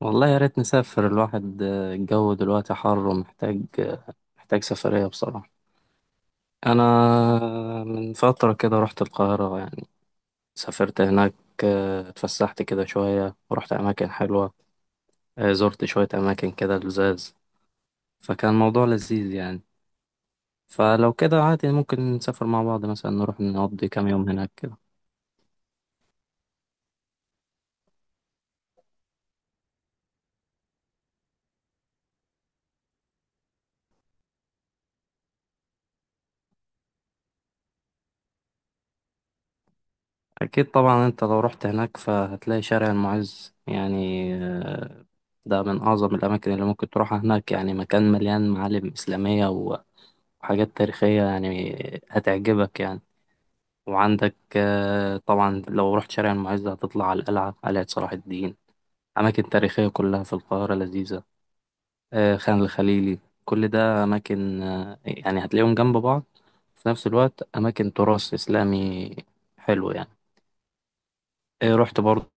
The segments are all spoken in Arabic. والله يا ريت نسافر الواحد، الجو دلوقتي حر ومحتاج محتاج سفرية بصراحة. أنا من فترة كده رحت القاهرة يعني، سافرت هناك. اتفسحت كده شوية ورحت أماكن حلوة. زرت شوية أماكن كده لزاز، فكان الموضوع لذيذ يعني. فلو كده عادي ممكن نسافر مع بعض، مثلا نروح نقضي كام يوم هناك كده. أكيد طبعا، أنت لو رحت هناك فهتلاقي شارع المعز يعني. ده من أعظم الأماكن اللي ممكن تروحها هناك، يعني مكان مليان معالم إسلامية وحاجات تاريخية يعني، هتعجبك يعني. وعندك طبعا لو رحت شارع المعز هتطلع على القلعة، قلعة صلاح الدين. أماكن تاريخية كلها في القاهرة لذيذة. خان الخليلي، كل ده أماكن، يعني هتلاقيهم جنب بعض، في نفس الوقت أماكن تراث إسلامي حلو يعني. إيه، رحت برضه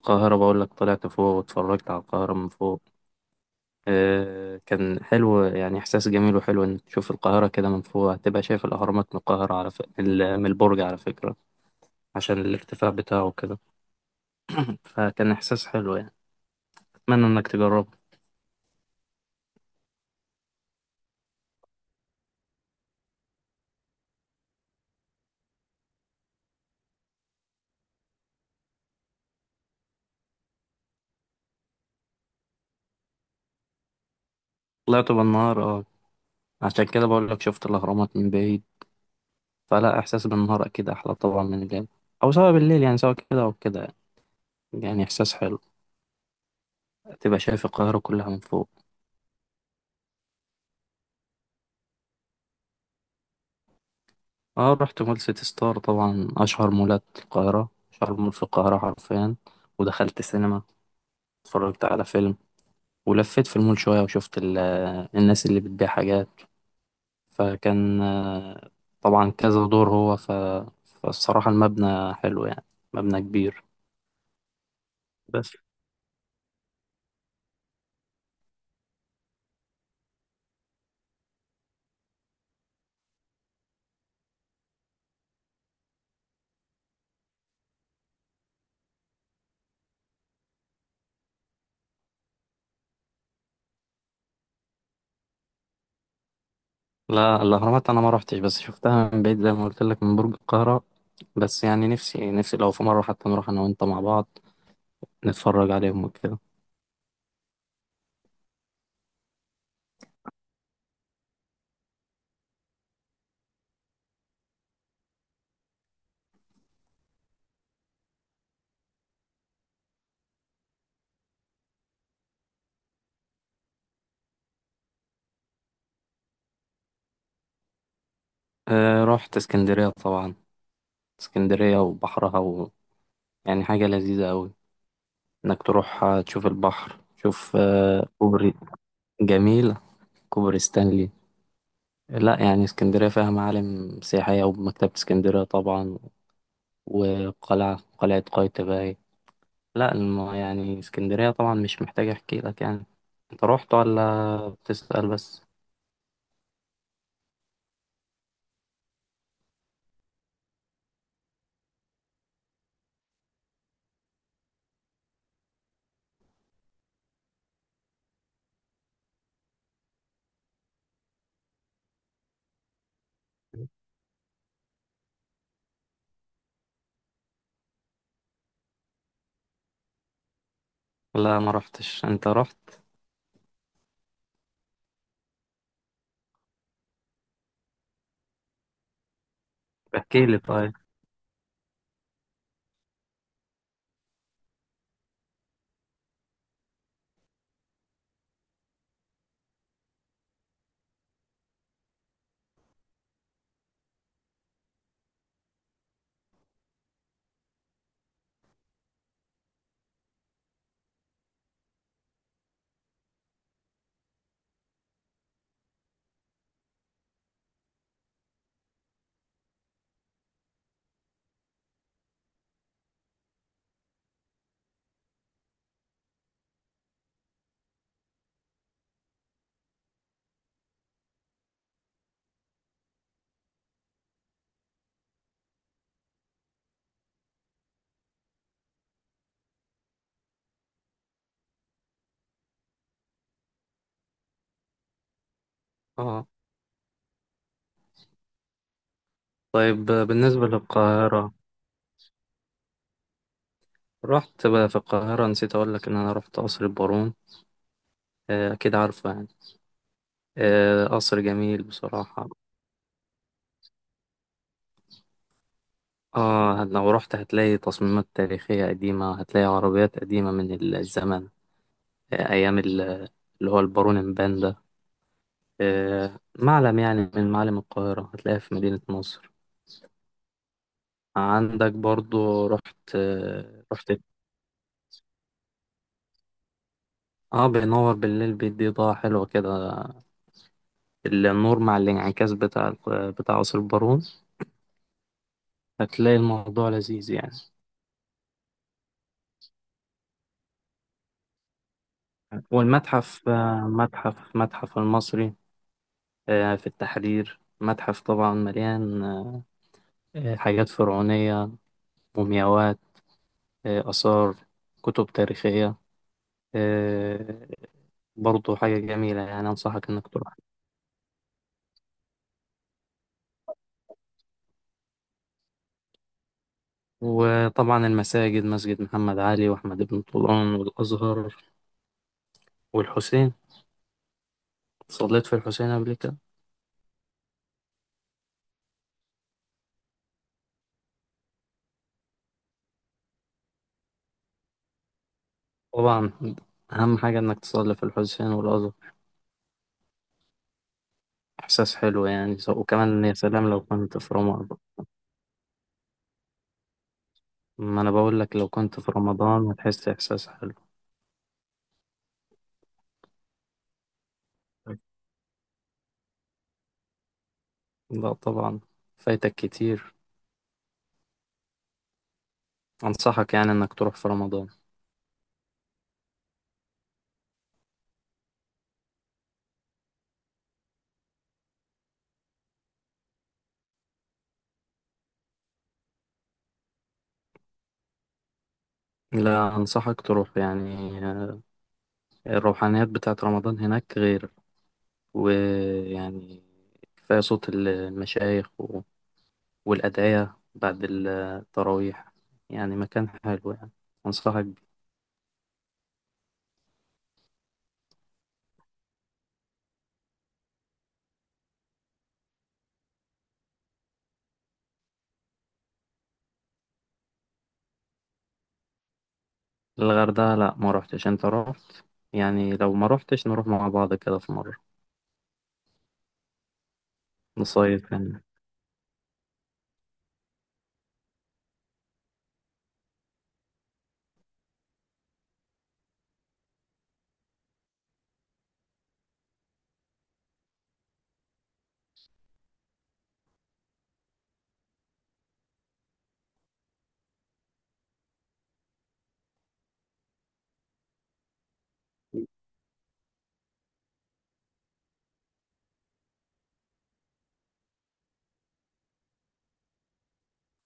القاهرة، بقول لك طلعت فوق واتفرجت على القاهرة من فوق. إيه كان حلو يعني، إحساس جميل وحلو إنك تشوف القاهرة كده من فوق. هتبقى شايف الأهرامات من القاهرة على ف... من ال- من البرج على فكرة، عشان الارتفاع بتاعه كده. فكان إحساس حلو يعني، أتمنى إنك تجربه. طلعت بالنهار أه، عشان كده بقول لك شفت الأهرامات من بعيد. فلا، إحساس بالنهار أكيد أحلى طبعا من الليل، أو سواء بالليل، يعني سواء كده أو كده يعني. يعني إحساس حلو، تبقى شايف القاهرة كلها من فوق. اه، رحت مول سيتي ستار طبعا، اشهر مولات القاهره، اشهر مول في القاهره حرفيا. ودخلت سينما، اتفرجت على فيلم، ولفيت في المول شويه، وشفت الناس اللي بتبيع حاجات. فكان طبعا كذا دور فالصراحه المبنى حلو يعني، مبنى كبير. بس لا، الاهرامات انا ما روحتش، بس شفتها من بعيد زي ما قلت لك من برج القاهره. بس يعني نفسي لو في مره حتى نروح انا وانت مع بعض، نتفرج عليهم وكده. رحت اسكندريه طبعا، اسكندرية وبحرها يعني حاجة لذيذة أوي، إنك تروح. تشوف البحر، تشوف كوبري جميل، كوبري ستانلي. لا يعني اسكندرية فيها معالم سياحية، ومكتبة اسكندرية طبعا، وقلعة قايتباي. لا يعني اسكندرية طبعا مش محتاج أحكي لك يعني. أنت رحت ولا بتسأل بس؟ لا، ما رحتش، أنت رحت. احكي لي طيب. اه. طيب بالنسبة للقاهرة، رحت بقى في القاهرة، نسيت أقول لك إن أنا رحت قصر البارون. أكيد عارفه يعني. قصر جميل بصراحة. آه، لو رحت هتلاقي تصميمات تاريخية قديمة، هتلاقي عربيات قديمة من الزمن، آه، أيام ال- اللي هو البارون مبان ده. معلم يعني من معالم القاهرة، هتلاقيه في مدينة نصر. عندك برضو رحت، اه، بينور بالليل بيدي إضاءة حلوة كده. النور مع الانعكاس بتاع قصر البارون، هتلاقي الموضوع لذيذ يعني. والمتحف، آه، متحف متحف المصري، في التحرير. متحف طبعا مليان حاجات فرعونية، مومياوات، آثار، كتب تاريخية، آه، برضو حاجة جميلة يعني، أنصحك إنك تروح. وطبعا المساجد، مسجد محمد علي وأحمد بن طولون والأزهر والحسين. صليت في الحسين قبل كده طبعا، أهم حاجة إنك تصلي في الحسين والأزهر. إحساس حلو يعني، وكمان يا سلام لو كنت في رمضان. ما أنا بقول لك لو كنت في رمضان هتحس إحساس حلو. لا طبعا، فايتك كتير. أنصحك يعني إنك تروح في رمضان. لا، أنصحك تروح يعني. الروحانيات بتاعت رمضان هناك غير، ويعني كفاية صوت المشايخ والأدعية بعد التراويح. يعني مكان حلو يعني، أنصحك بيه. الغردقة لا، ما روحتش، أنت روحت. يعني لو ما روحتش نروح مع بعض كده في مرة، نصيف يعني.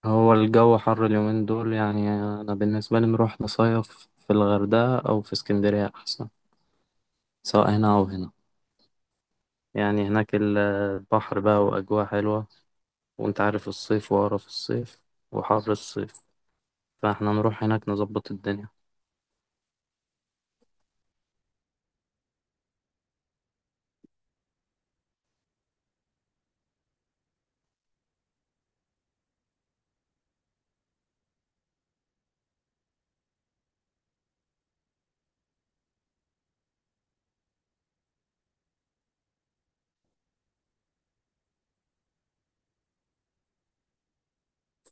هو الجو حر اليومين دول. يعني أنا بالنسبة لي نروح نصيف في الغردقة أو في اسكندرية أحسن، سواء هنا أو هنا. يعني هناك البحر بقى وأجواء حلوة. وأنت عارف الصيف وقرف الصيف وحر الصيف، فإحنا نروح هناك نظبط الدنيا.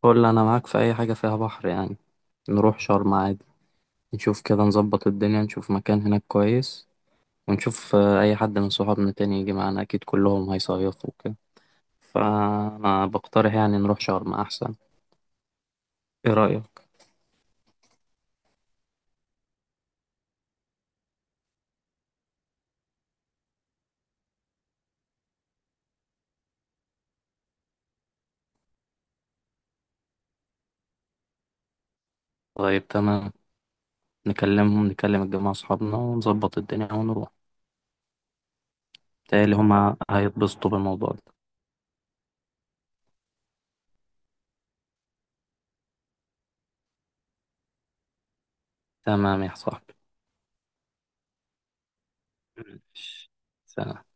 فل أنا معاك في أي حاجة فيها بحر يعني، نروح شرم عادي. نشوف كده، نظبط الدنيا، نشوف مكان هناك كويس. ونشوف أي حد من صحابنا تاني يجي معانا، أكيد كلهم هيصيفوا وكده. فأنا بقترح يعني نروح شرم أحسن. ايه رأيك؟ طيب تمام، نكلمهم، نكلم الجماعة اصحابنا، ونظبط الدنيا ونروح. تالي هما هيتبسطوا بالموضوع ده. تمام يا صاحبي. ماشي. سلام